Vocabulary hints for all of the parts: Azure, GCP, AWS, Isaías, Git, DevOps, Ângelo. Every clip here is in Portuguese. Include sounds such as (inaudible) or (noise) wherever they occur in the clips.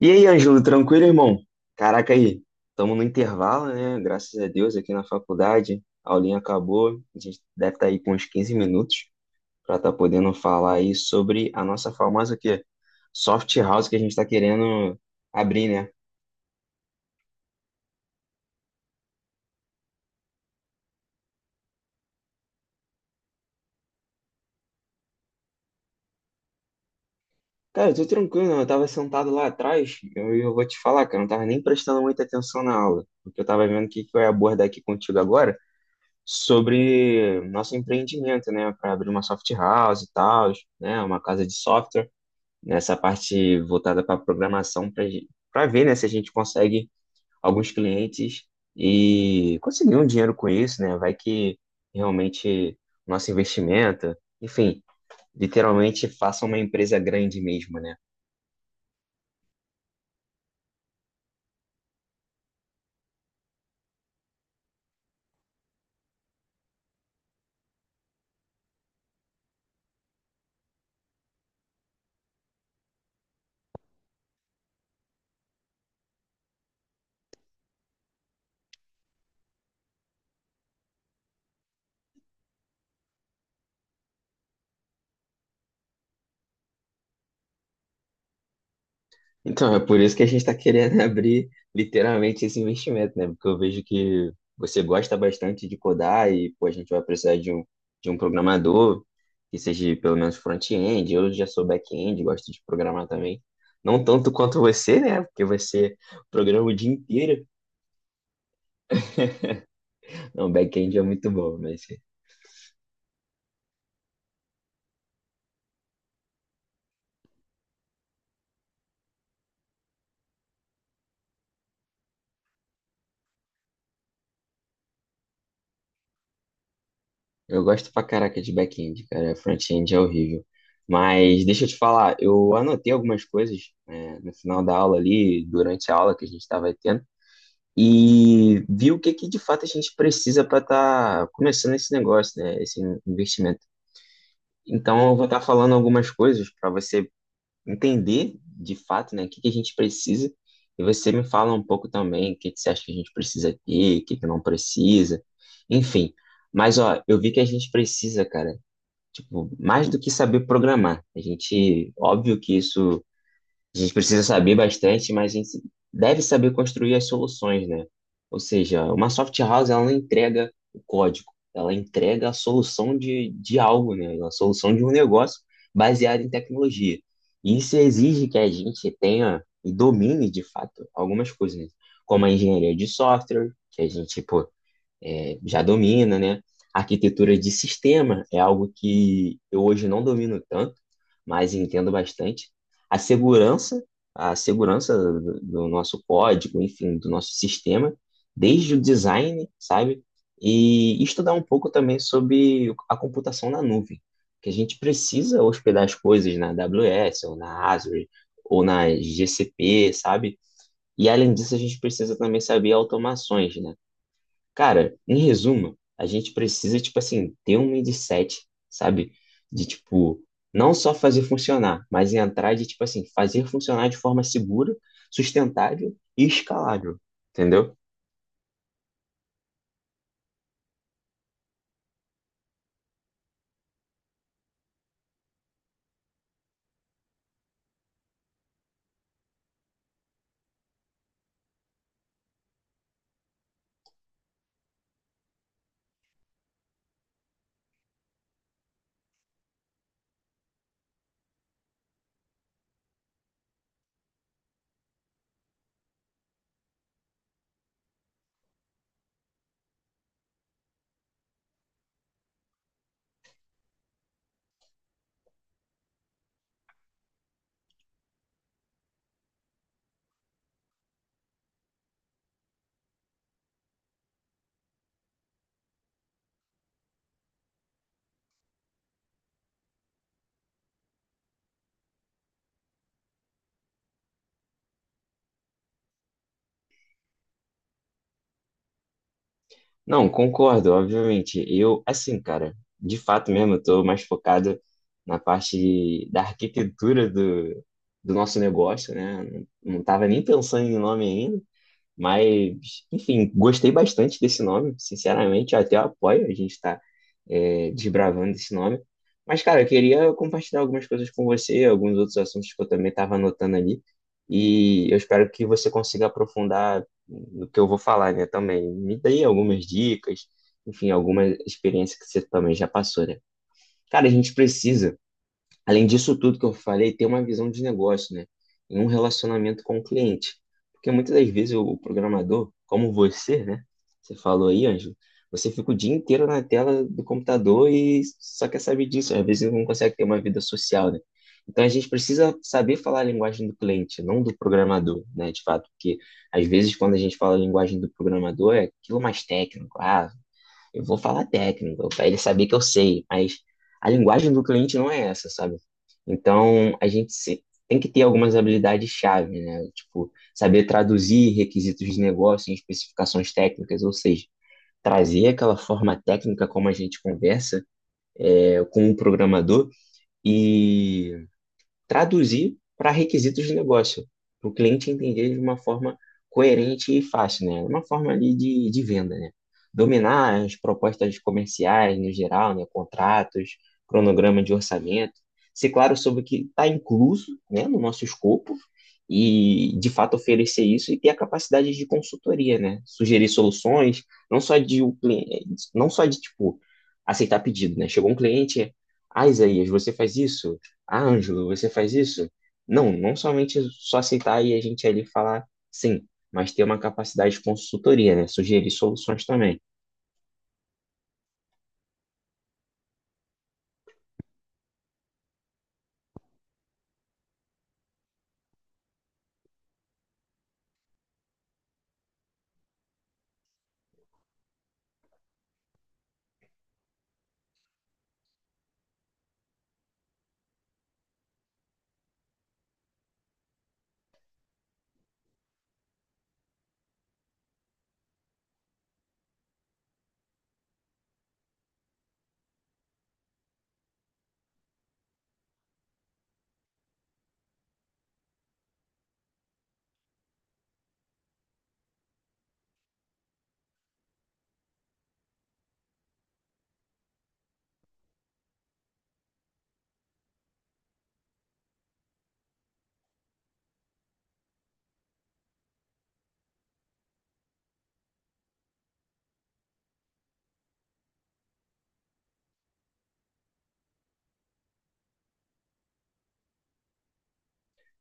E aí, Ângelo, tranquilo, irmão? Caraca aí, estamos no intervalo, né? Graças a Deus, aqui na faculdade, a aulinha acabou, a gente deve estar aí com uns 15 minutos para estar podendo falar aí sobre a nossa famosa o quê? Soft house que a gente está querendo abrir, né? Cara, eu tô tranquilo, eu tava sentado lá atrás, eu vou te falar, cara, eu não tava nem prestando muita atenção na aula, porque eu tava vendo o que eu ia abordar aqui contigo agora sobre nosso empreendimento, né? Para abrir uma soft house e tal, né? Uma casa de software, nessa parte voltada para programação, para ver, né, se a gente consegue alguns clientes e conseguir um dinheiro com isso, né? Vai que realmente nosso investimento, enfim, literalmente faça uma empresa grande mesmo, né? Então, é por isso que a gente está querendo (laughs) abrir literalmente esse investimento, né? Porque eu vejo que você gosta bastante de codar e pô, a gente vai precisar de um programador que seja pelo menos front-end. Eu já sou back-end, gosto de programar também. Não tanto quanto você, né? Porque você programa o dia inteiro. Não, back-end é muito bom, mas eu gosto pra caraca de back-end, cara. Front-end é horrível. Mas deixa eu te falar, eu anotei algumas coisas, né, no final da aula ali, durante a aula que a gente estava tendo, e ver o que de fato a gente precisa para estar começando esse negócio, né, esse investimento. Então, eu vou estar falando algumas coisas para você entender de fato, né, o que a gente precisa e você me fala um pouco também o que você acha que a gente precisa ter, o que não precisa, enfim. Mas, ó, eu vi que a gente precisa, cara, tipo, mais do que saber programar. A gente, óbvio que isso a gente precisa saber bastante, mas a gente deve saber construir as soluções, né? Ou seja, uma soft house, ela não entrega o código, ela entrega a solução de algo, né? A solução de um negócio baseado em tecnologia. E isso exige que a gente tenha e domine, de fato, algumas coisas, né? Como a engenharia de software, que a gente, pô, já domina, né? Arquitetura de sistema é algo que eu hoje não domino tanto, mas entendo bastante. A segurança, a segurança do nosso código, enfim, do nosso sistema, desde o design, sabe? E estudar um pouco também sobre a computação na nuvem, que a gente precisa hospedar as coisas na AWS ou na Azure ou na GCP, sabe? E além disso, a gente precisa também saber automações, né? Cara, em resumo, a gente precisa, tipo assim, ter um mindset, sabe? De, tipo, não só fazer funcionar, mas entrar de, tipo assim, fazer funcionar de forma segura, sustentável e escalável, entendeu? Não, concordo, obviamente. Eu, assim, cara, de fato mesmo, eu tô mais focado na parte da arquitetura do nosso negócio, né? Não tava nem pensando em nome ainda. Mas, enfim, gostei bastante desse nome, sinceramente, eu até apoio a gente estar desbravando esse nome. Mas, cara, eu queria compartilhar algumas coisas com você, alguns outros assuntos que eu também estava anotando ali, e eu espero que você consiga aprofundar no que eu vou falar, né, também. Me dê algumas dicas, enfim, alguma experiência que você também já passou, né? Cara, a gente precisa, além disso tudo que eu falei, ter uma visão de negócio, né? Em um relacionamento com o cliente. Porque muitas das vezes o programador, como você, né? Você falou aí, Ângelo, você fica o dia inteiro na tela do computador e só quer saber disso. Às vezes não consegue ter uma vida social, né? Então a gente precisa saber falar a linguagem do cliente, não do programador, né? De fato, porque às vezes quando a gente fala a linguagem do programador é aquilo mais técnico, ah, eu vou falar técnico, para ele saber que eu sei, mas a linguagem do cliente não é essa, sabe? Então, a gente se- tem que ter algumas habilidades-chave, né? Tipo, saber traduzir requisitos de negócio em especificações técnicas, ou seja, trazer aquela forma técnica como a gente conversa, com o programador e traduzir para requisitos de negócio, para o cliente entender de uma forma coerente e fácil, né? Uma forma ali de venda, né? Dominar as propostas comerciais no geral, né? Contratos, cronograma de orçamento, ser claro sobre o que está incluso, né? No nosso escopo e, de fato, oferecer isso e ter a capacidade de consultoria, né? Sugerir soluções, não só de, o cliente, não só de, tipo, aceitar pedido, né? Chegou um cliente, ah, Isaías, você faz isso? Ah, Ângelo, você faz isso? Não, não somente só citar e a gente ali falar sim, mas ter uma capacidade de consultoria, né? Sugerir soluções também.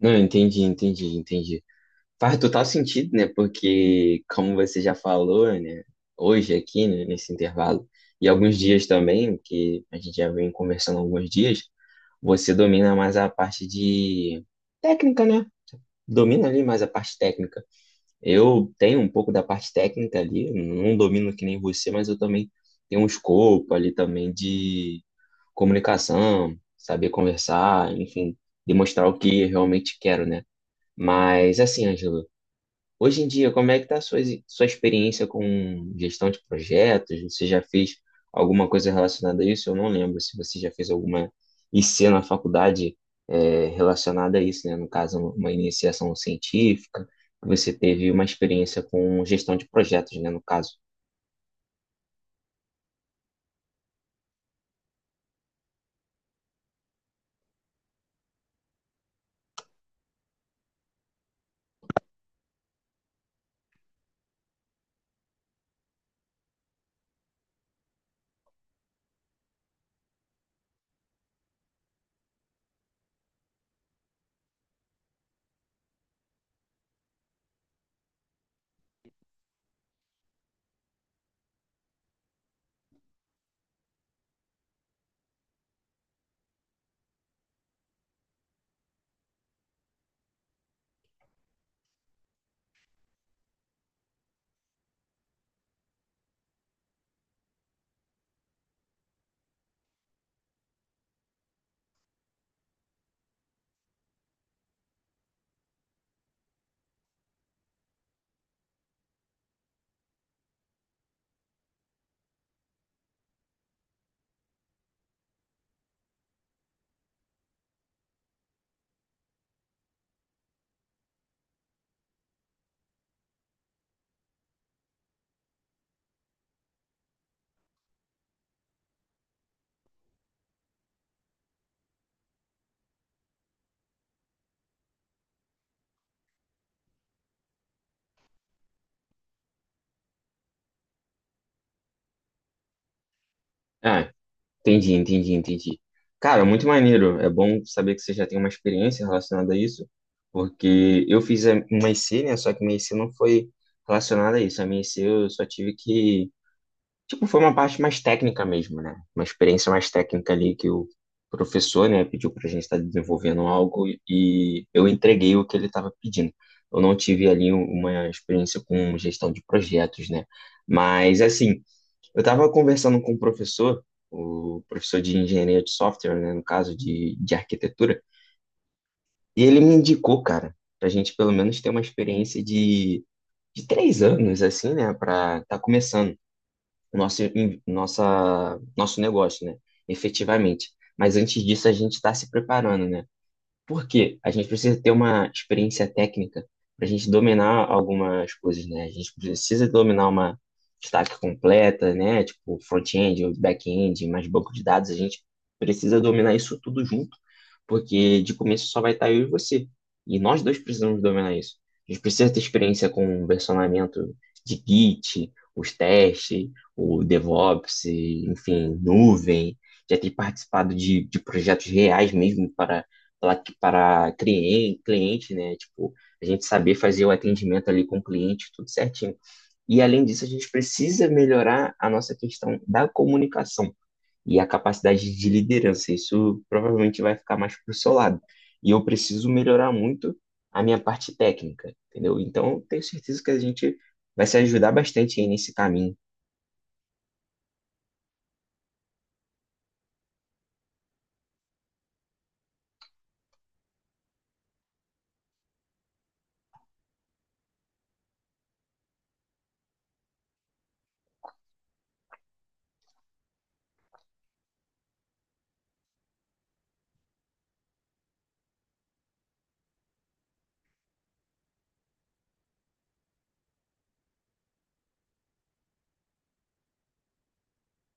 Não, entendi. Faz total sentido, né? Porque, como você já falou, né? Hoje aqui, né, nesse intervalo, e alguns dias também, que a gente já vem conversando há alguns dias, você domina mais a parte de técnica, né? Domina ali mais a parte técnica. Eu tenho um pouco da parte técnica ali, não domino que nem você, mas eu também tenho um escopo ali também de comunicação, saber conversar, enfim, demonstrar o que eu realmente quero, né? Mas assim, Ângelo, hoje em dia, como é que está a sua experiência com gestão de projetos? Você já fez alguma coisa relacionada a isso? Eu não lembro se você já fez alguma IC na faculdade relacionada a isso, né? No caso, uma iniciação científica. Você teve uma experiência com gestão de projetos, né? No caso. Ah, entendi. Cara, muito maneiro. É bom saber que você já tem uma experiência relacionada a isso, porque eu fiz a minha IC, né? Só que minha IC não foi relacionada a isso. A minha IC eu só tive que. Tipo, foi uma parte mais técnica mesmo, né? Uma experiência mais técnica ali que o professor, né, pediu pra gente estar desenvolvendo algo e eu entreguei o que ele estava pedindo. Eu não tive ali uma experiência com gestão de projetos, né? Mas, assim, eu estava conversando com o professor de engenharia de software, né, no caso de arquitetura, e ele me indicou, cara, para a gente pelo menos ter uma experiência de 3 anos, assim, né, para estar começando o nosso negócio, né, efetivamente. Mas antes disso, a gente está se preparando, né? Por quê? A gente precisa ter uma experiência técnica para a gente dominar algumas coisas, né? A gente precisa dominar uma stack completa, né? Tipo front-end ou back-end, mais banco de dados. A gente precisa dominar isso tudo junto, porque de começo só vai estar eu e você. E nós dois precisamos dominar isso. A gente precisa ter experiência com o versionamento de Git, os testes, o DevOps, enfim, nuvem. Já ter participado de projetos reais mesmo para lá que para cliente, né? Tipo, a gente saber fazer o atendimento ali com o cliente, tudo certinho. E além disso, a gente precisa melhorar a nossa questão da comunicação e a capacidade de liderança. Isso provavelmente vai ficar mais pro seu lado. E eu preciso melhorar muito a minha parte técnica, entendeu? Então, eu tenho certeza que a gente vai se ajudar bastante aí nesse caminho.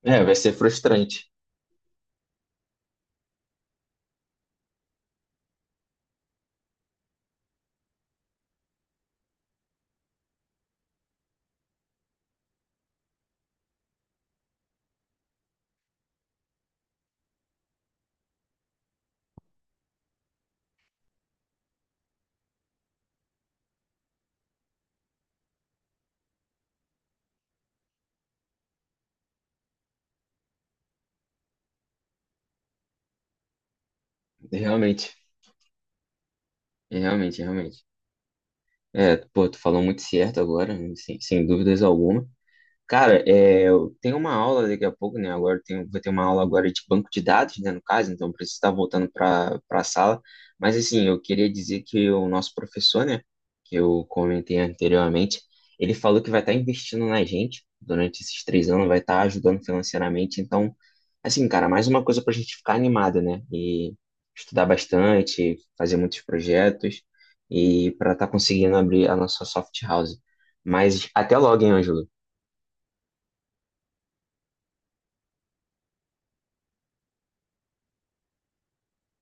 É, vai ser frustrante, realmente, realmente. É, pô, tu falou muito certo agora, sem dúvidas alguma. Cara, é, eu tenho uma aula daqui a pouco, né? Agora eu tenho, vou ter uma aula agora de banco de dados, né? No caso, então eu preciso estar voltando para a sala. Mas assim, eu queria dizer que o nosso professor, né? Que eu comentei anteriormente, ele falou que vai estar investindo na gente durante esses 3 anos, vai estar ajudando financeiramente. Então, assim, cara, mais uma coisa para a gente ficar animado, né? E estudar bastante, fazer muitos projetos e para estar conseguindo abrir a nossa soft house. Mas até logo, hein, Ângelo?